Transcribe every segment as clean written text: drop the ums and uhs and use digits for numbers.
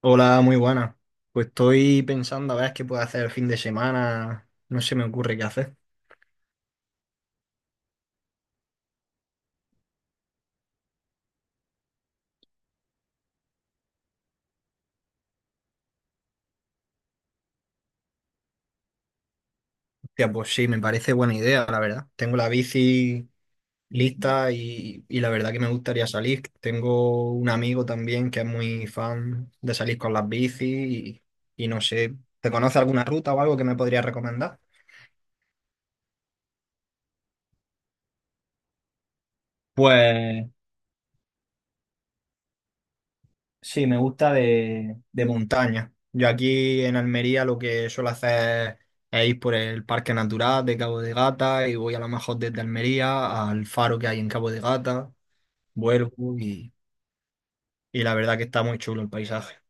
Hola, muy buena. Pues estoy pensando a ver qué puedo hacer el fin de semana. No se me ocurre qué hacer. Hostia, pues sí, me parece buena idea, la verdad. Tengo la bici lista y la verdad que me gustaría salir. Tengo un amigo también que es muy fan de salir con las bicis y no sé, ¿te conoce alguna ruta o algo que me podría recomendar? Pues sí, me gusta de montaña. Yo aquí en Almería lo que suelo hacer es ir por el Parque Natural de Cabo de Gata y voy a lo mejor desde Almería al faro que hay en Cabo de Gata, vuelvo y la verdad que está muy chulo el paisaje.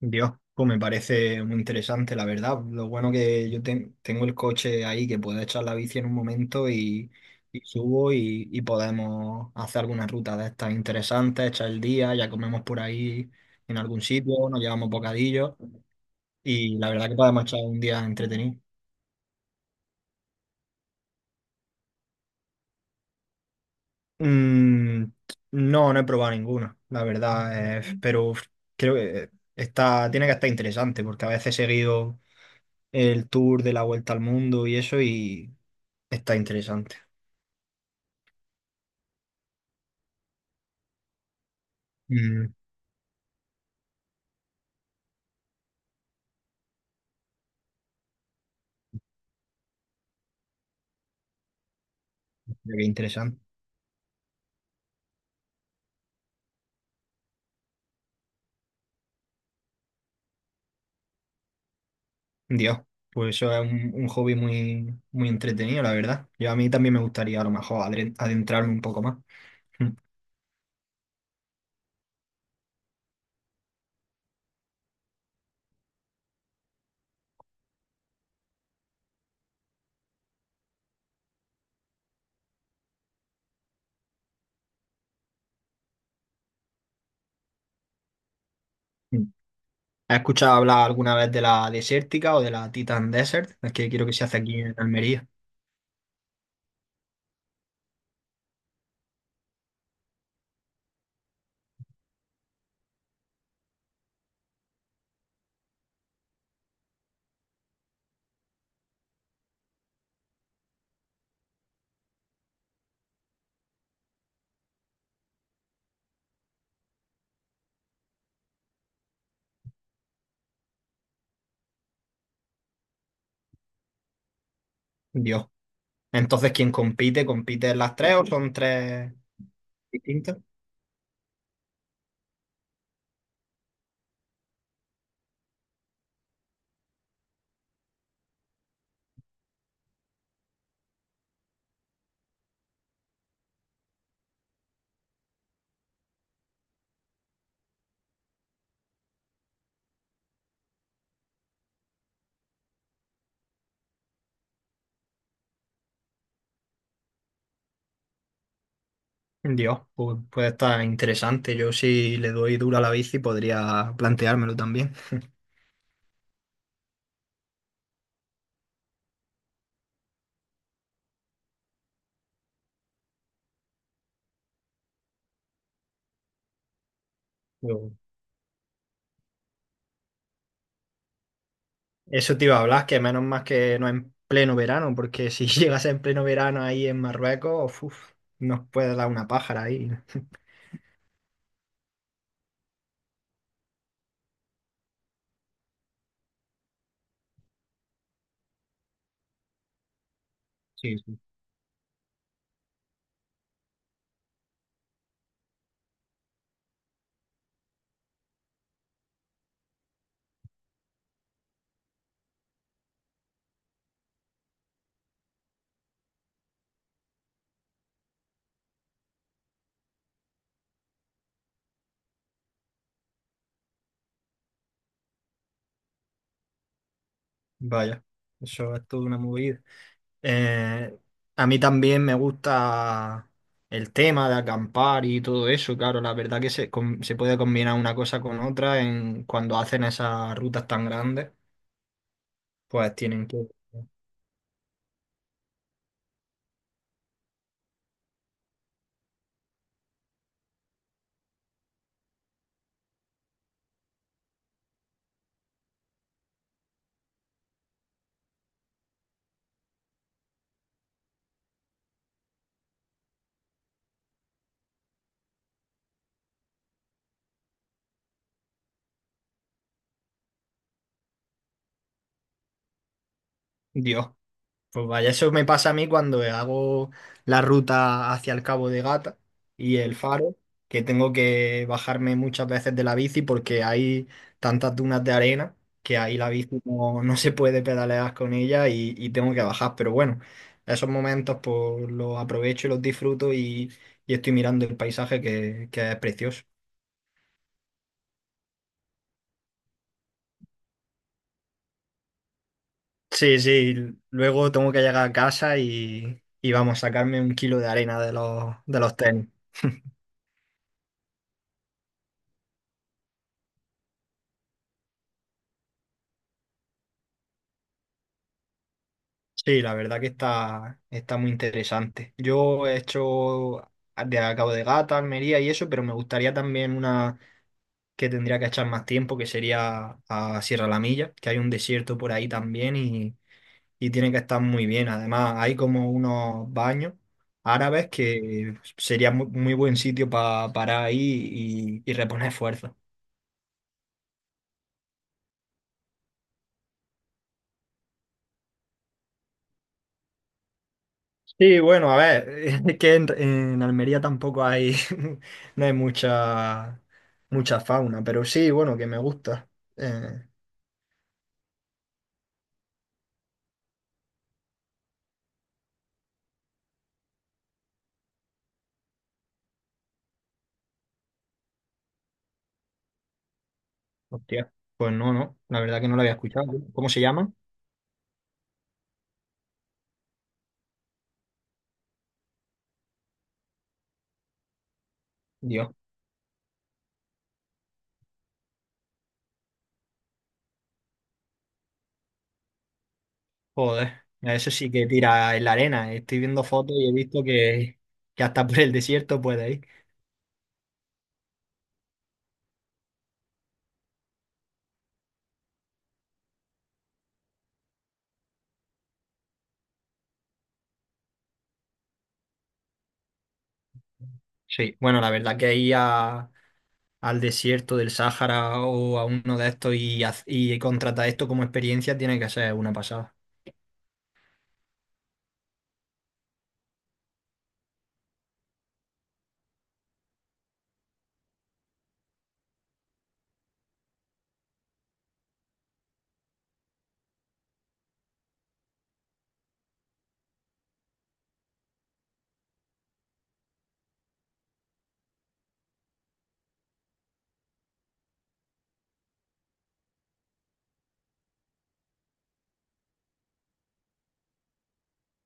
Dios, pues me parece muy interesante, la verdad. Lo bueno que tengo el coche ahí que puedo echar la bici en un momento y subo y podemos hacer alguna ruta de estas interesantes, echar el día, ya comemos por ahí en algún sitio, nos llevamos bocadillos y la verdad que podemos echar un día entretenido. Mm, no, no he probado ninguna, la verdad, pero creo que está, tiene que estar interesante porque a veces he seguido el tour de la vuelta al mundo y eso y está interesante. Mm, mira qué interesante. Dios, pues eso es un hobby muy, muy entretenido, la verdad. Yo a mí también me gustaría a lo mejor adentrarme un poco más. Mm. ¿Has escuchado hablar alguna vez de la desértica o de la Titan Desert? Es que quiero que se hace aquí en Almería. Dios. Entonces, ¿quién compite? ¿Compite en las tres o son tres distintas? Dios, pues puede estar interesante. Yo si le doy duro a la bici podría planteármelo también. Eso te iba a hablar, que menos más que no en pleno verano, porque si llegas en pleno verano ahí en Marruecos, uf, nos puede dar una pájara ahí. Sí, sí. Vaya, eso es toda una movida. Eh, a mí también me gusta el tema de acampar y todo eso, claro, la verdad que se, se puede combinar una cosa con otra en cuando hacen esas rutas tan grandes, pues tienen que... Dios. Pues vaya, eso me pasa a mí cuando hago la ruta hacia el Cabo de Gata y el Faro, que tengo que bajarme muchas veces de la bici porque hay tantas dunas de arena que ahí la bici no, no se puede pedalear con ella y tengo que bajar. Pero bueno, esos momentos pues los aprovecho y los disfruto y estoy mirando el paisaje que es precioso. Sí, sí, luego tengo que llegar a casa y vamos a sacarme un kilo de arena de los tenis. Sí, la verdad que está, está muy interesante. Yo he hecho ah, de a Cabo de Gata, Almería y eso, pero me gustaría también una que tendría que echar más tiempo, que sería a Sierra La Milla, que hay un desierto por ahí también y tiene que estar muy bien. Además, hay como unos baños árabes que sería muy, muy buen sitio para parar ahí y reponer fuerzas. Sí, bueno, a ver, es que en Almería tampoco hay, no hay mucha fauna, pero sí, bueno, que me gusta. Eh, Hostia, pues no, no, la verdad que no lo había escuchado. ¿Cómo se llama? Dios, joder, a eso sí que tira en la arena. Estoy viendo fotos y he visto que hasta por el desierto puede ir. Sí, bueno, la verdad que al desierto del Sáhara o a uno de estos y contratar esto como experiencia tiene que ser una pasada.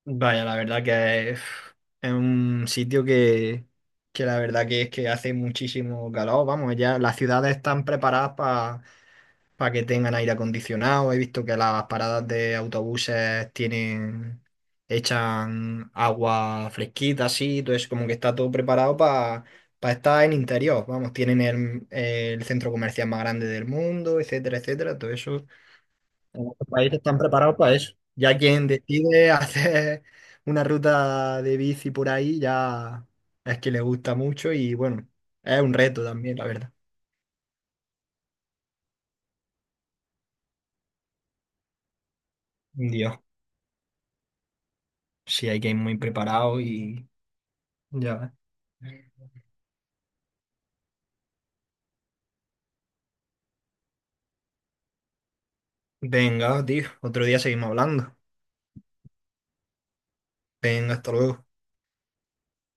Vaya, la verdad que uf, es un sitio que la verdad que es que hace muchísimo calor. Vamos, ya las ciudades están preparadas para que tengan aire acondicionado. He visto que las paradas de autobuses tienen, echan agua fresquita, así, entonces como que está todo preparado para estar en interior. Vamos, tienen el centro comercial más grande del mundo, etcétera, etcétera. Todo eso en otros países están preparados para eso. Ya quien decide hacer una ruta de bici por ahí, ya es que le gusta mucho y bueno, es un reto también, la verdad. Dios, sí hay que ir muy preparado y ya ves. Venga, tío, otro día seguimos hablando. Venga, hasta luego.